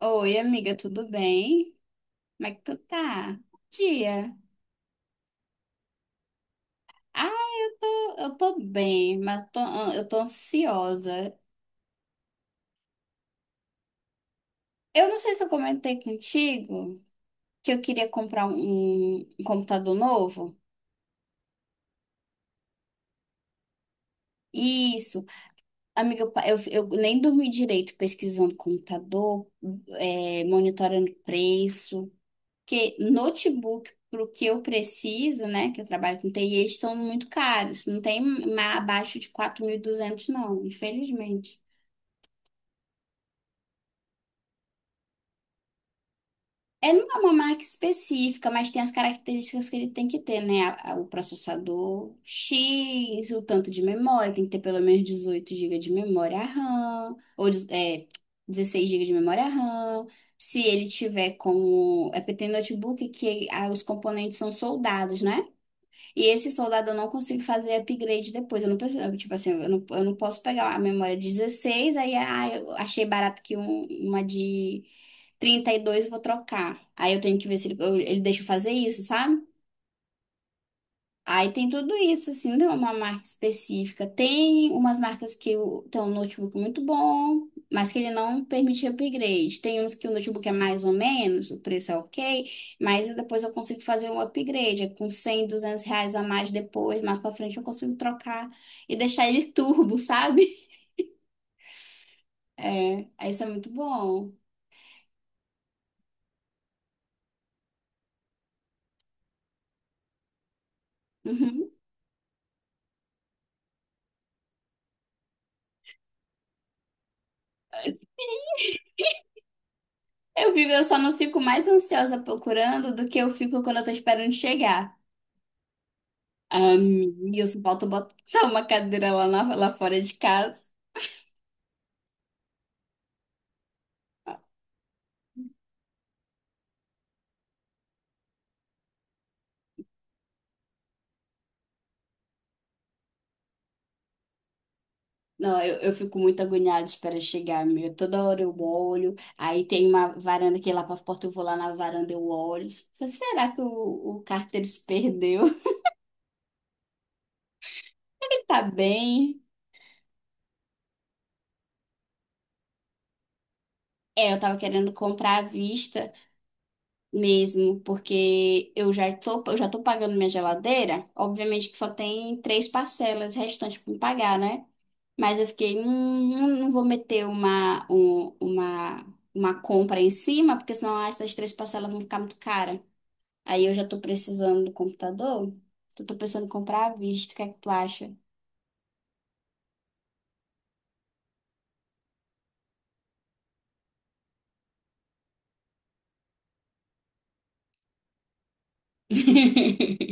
Oi, amiga, tudo bem? Como é que tu tá? Bom dia. Ah, eu tô bem, mas eu tô ansiosa. Eu não sei se eu comentei contigo que eu queria comprar um computador novo. Isso. Amiga, eu, pa- eu nem dormi direito pesquisando computador, monitorando preço. Porque notebook, para o que eu preciso, né, que eu trabalho com TI, eles estão muito caros. Não tem abaixo de 4.200 não, infelizmente. É, não é uma marca específica, mas tem as características que ele tem que ter, né? O processador X, o tanto de memória, tem que ter pelo menos 18 gigas de memória RAM, ou 16 gigas de memória RAM. Se ele tiver com. É porque tem notebook que os componentes são soldados, né? E esse soldado eu não consigo fazer upgrade depois. Eu, tipo assim, eu não posso pegar a memória 16 aí eu achei barato que uma de 32 eu vou trocar. Aí eu tenho que ver se ele deixa eu fazer isso, sabe? Aí tem tudo isso, assim, não é uma marca específica. Tem umas marcas tem um notebook muito bom, mas que ele não permite upgrade. Tem uns que o notebook é mais ou menos, o preço é ok, mas depois eu consigo fazer um upgrade, é com 100 200 reais a mais depois, mais pra frente eu consigo trocar e deixar ele turbo, sabe? É, aí isso é muito bom. Uhum. Eu só não fico mais ansiosa procurando do que eu fico quando eu tô esperando chegar. Wilson, falta botar uma cadeira lá, lá fora de casa. Não, eu fico muito agoniada de chegar, meu. Toda hora eu olho. Aí tem uma varanda que é lá pra porta, eu vou lá na varanda, eu olho. Falei, será que o Carter se perdeu? Ele tá bem? É, eu tava querendo comprar à vista mesmo, porque eu já tô pagando minha geladeira. Obviamente que só tem 3 parcelas restantes pra me pagar, né? Mas eu fiquei, não vou meter uma compra em cima, porque senão essas 3 parcelas vão ficar muito cara. Aí eu já tô precisando do computador. Então, tô pensando em comprar à vista. O que é que tu acha?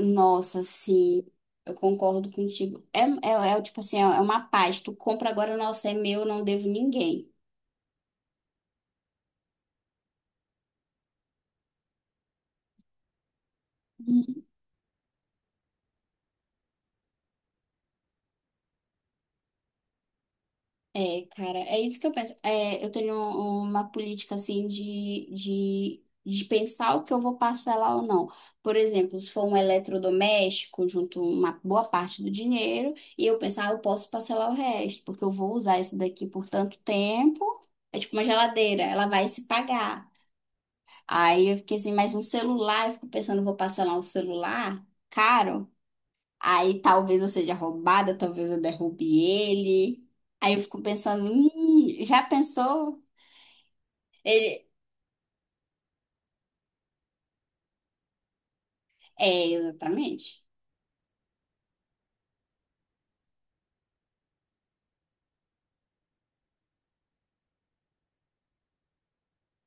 Nossa, sim, eu concordo contigo. É o tipo assim, é uma paz. Tu compra agora, nossa, é meu, eu não devo ninguém. É, cara, é isso que eu penso. É, eu tenho uma política assim de pensar o que eu vou parcelar ou não. Por exemplo, se for um eletrodoméstico, junto uma boa parte do dinheiro, e eu pensar, ah, eu posso parcelar o resto, porque eu vou usar isso daqui por tanto tempo. É tipo uma geladeira, ela vai se pagar. Aí eu fiquei assim, mas um celular, eu fico pensando, vou parcelar um celular caro? Aí talvez eu seja roubada, talvez eu derrube ele. Aí eu fico pensando, já pensou? Ele, é, exatamente.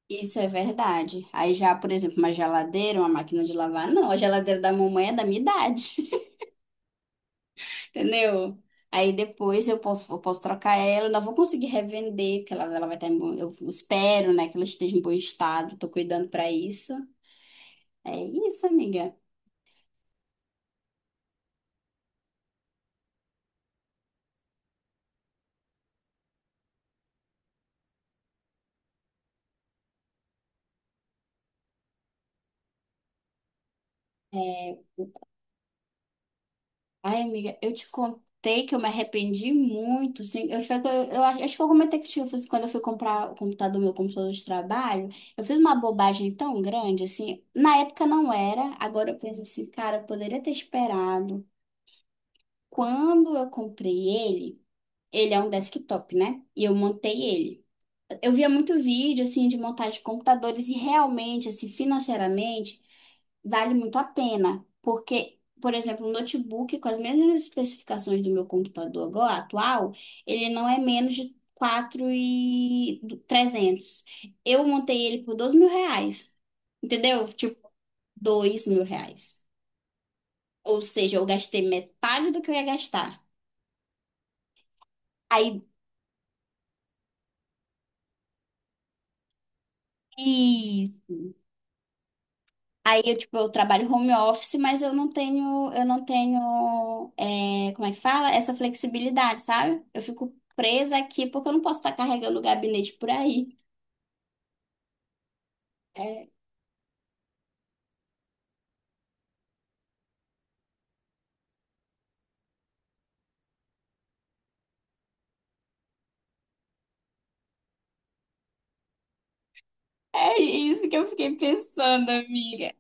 Isso é verdade. Aí já, por exemplo, uma geladeira, uma máquina de lavar, não, a geladeira da mamãe é da minha idade, entendeu? Aí depois eu posso trocar ela, eu não vou conseguir revender, porque ela vai estar em bom, eu espero, né, que ela esteja em bom estado, tô cuidando pra isso. É isso, amiga. É, ai, amiga, eu te contei que eu me arrependi muito, sim. Eu acho que eu comentei contigo, assim, quando eu fui comprar o computador, meu computador de trabalho, eu fiz uma bobagem tão grande, assim. Na época não era, agora eu penso assim, cara, eu poderia ter esperado. Quando eu comprei ele, ele é um desktop, né? E eu montei ele. Eu via muito vídeo, assim, de montagem de computadores e realmente, assim, financeiramente, vale muito a pena. Porque, por exemplo, um notebook com as mesmas especificações do meu computador agora, atual, ele não é menos de 4.300. Eu montei ele por 12 mil reais. Entendeu? Tipo, 2.000 reais. Ou seja, eu gastei metade do que eu ia gastar. Aí, isso. Aí eu, tipo, eu trabalho home office, mas eu não tenho, como é que fala? Essa flexibilidade, sabe? Eu fico presa aqui porque eu não posso estar carregando o gabinete por aí. É, é isso que eu fiquei pensando, amiga.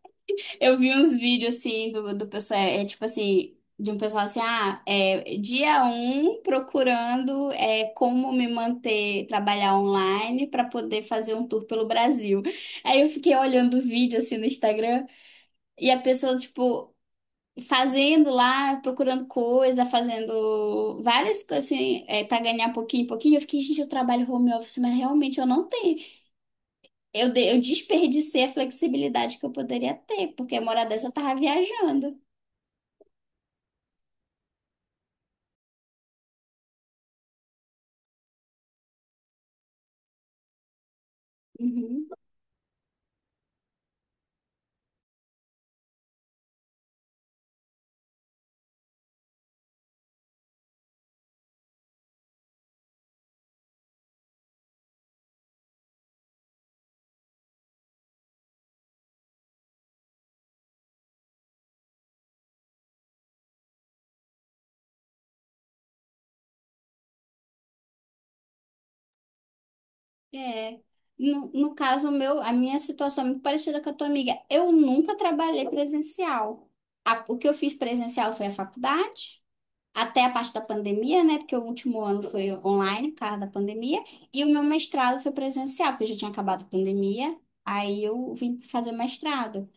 Eu vi uns vídeos assim do pessoal, é tipo assim, de um pessoal assim, dia um procurando, como me manter, trabalhar online para poder fazer um tour pelo Brasil. Aí eu fiquei olhando o vídeo assim no Instagram. E a pessoa, tipo, fazendo lá, procurando coisa, fazendo várias coisas assim, para ganhar pouquinho pouquinho. Eu fiquei, gente, eu trabalho home office, mas realmente eu não tenho. Eu desperdicei a flexibilidade que eu poderia ter, porque a morada dessa eu tava viajando. Uhum. É. No caso meu, a minha situação é muito parecida com a tua amiga. Eu nunca trabalhei presencial. O que eu fiz presencial foi a faculdade, até a parte da pandemia, né? Porque o último ano foi online, por causa da pandemia, e o meu mestrado foi presencial, porque já tinha acabado a pandemia. Aí eu vim fazer mestrado.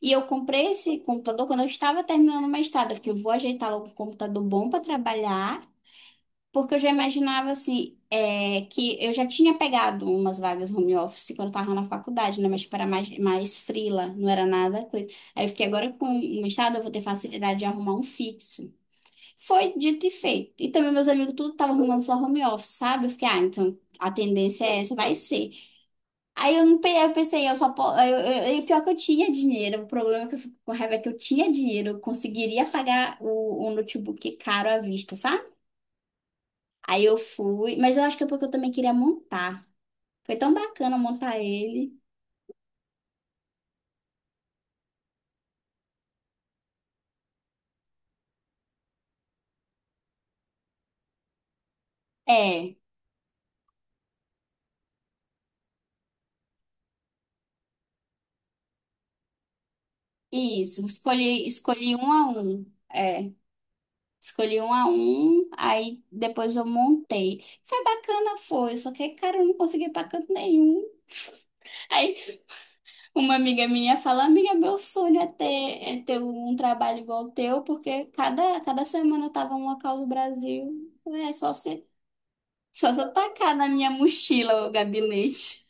E eu comprei esse computador quando eu estava terminando o mestrado. Eu fiquei, eu vou ajeitar logo um computador bom para trabalhar, porque eu já imaginava assim, que eu já tinha pegado umas vagas home office quando eu estava na faculdade, né? Mas para mais, mais freela, não era nada coisa. Aí eu fiquei agora com o mestrado, eu vou ter facilidade de arrumar um fixo. Foi dito e feito. E também meus amigos tudo estavam arrumando só home office, sabe? Eu fiquei, então a tendência é essa, vai ser. Aí eu não pe- eu pensei, eu só po- eu- pior é que eu tinha dinheiro. O problema é que eu fico com raiva é que eu tinha dinheiro, eu conseguiria pagar o notebook caro à vista, sabe? Aí eu fui, mas eu acho que é porque eu também queria montar. Foi tão bacana montar ele. É, isso, escolhi um a um. É. Escolhi um a um, aí depois eu montei. Foi bacana, foi, só que, cara, eu não consegui para canto nenhum. Aí uma amiga minha fala, amiga, meu sonho é ter, um trabalho igual o teu, porque cada, cada semana eu tava em um local do Brasil. É só se eu tacar na minha mochila o gabinete.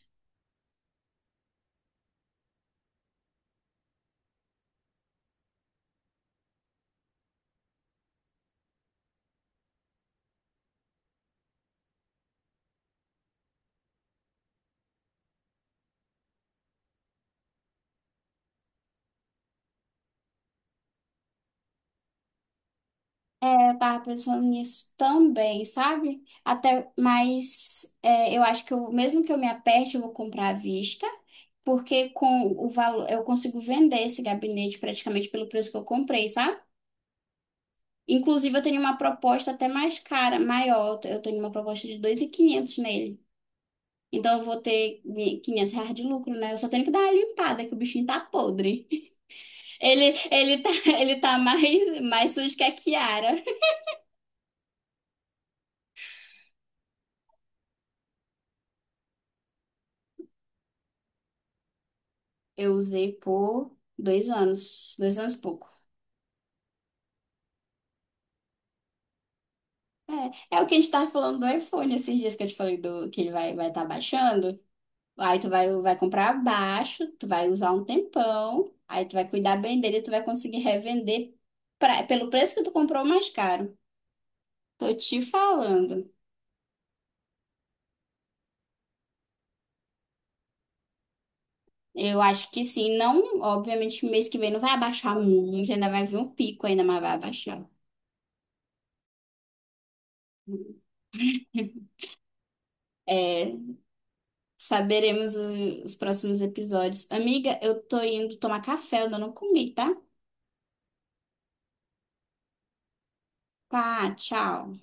Eu tava pensando nisso também, sabe? Até, mas eu acho que eu, mesmo que eu me aperte, eu vou comprar à vista, porque com o valor eu consigo vender esse gabinete praticamente pelo preço que eu comprei, sabe? Inclusive, eu tenho uma proposta até mais cara, maior. Eu tenho uma proposta de 2.500 nele. Então, eu vou ter 500 reais de lucro, né? Eu só tenho que dar uma limpada, que o bichinho tá podre. Ele tá, ele tá mais, mais sujo que a Kiara. Eu usei por 2 anos, 2 anos e pouco. É, é o que a gente tava falando do iPhone esses dias que eu te falei que ele vai estar baixando. Aí tu vai comprar abaixo, tu vai usar um tempão, aí tu vai cuidar bem dele, tu vai conseguir revender pelo preço que tu comprou mais caro. Tô te falando. Eu acho que sim, não, obviamente que mês que vem não vai abaixar muito, ainda vai vir um pico ainda, mas vai abaixar. É, saberemos os próximos episódios. Amiga, eu tô indo tomar café, eu ainda não comi, tá? Tá, tchau.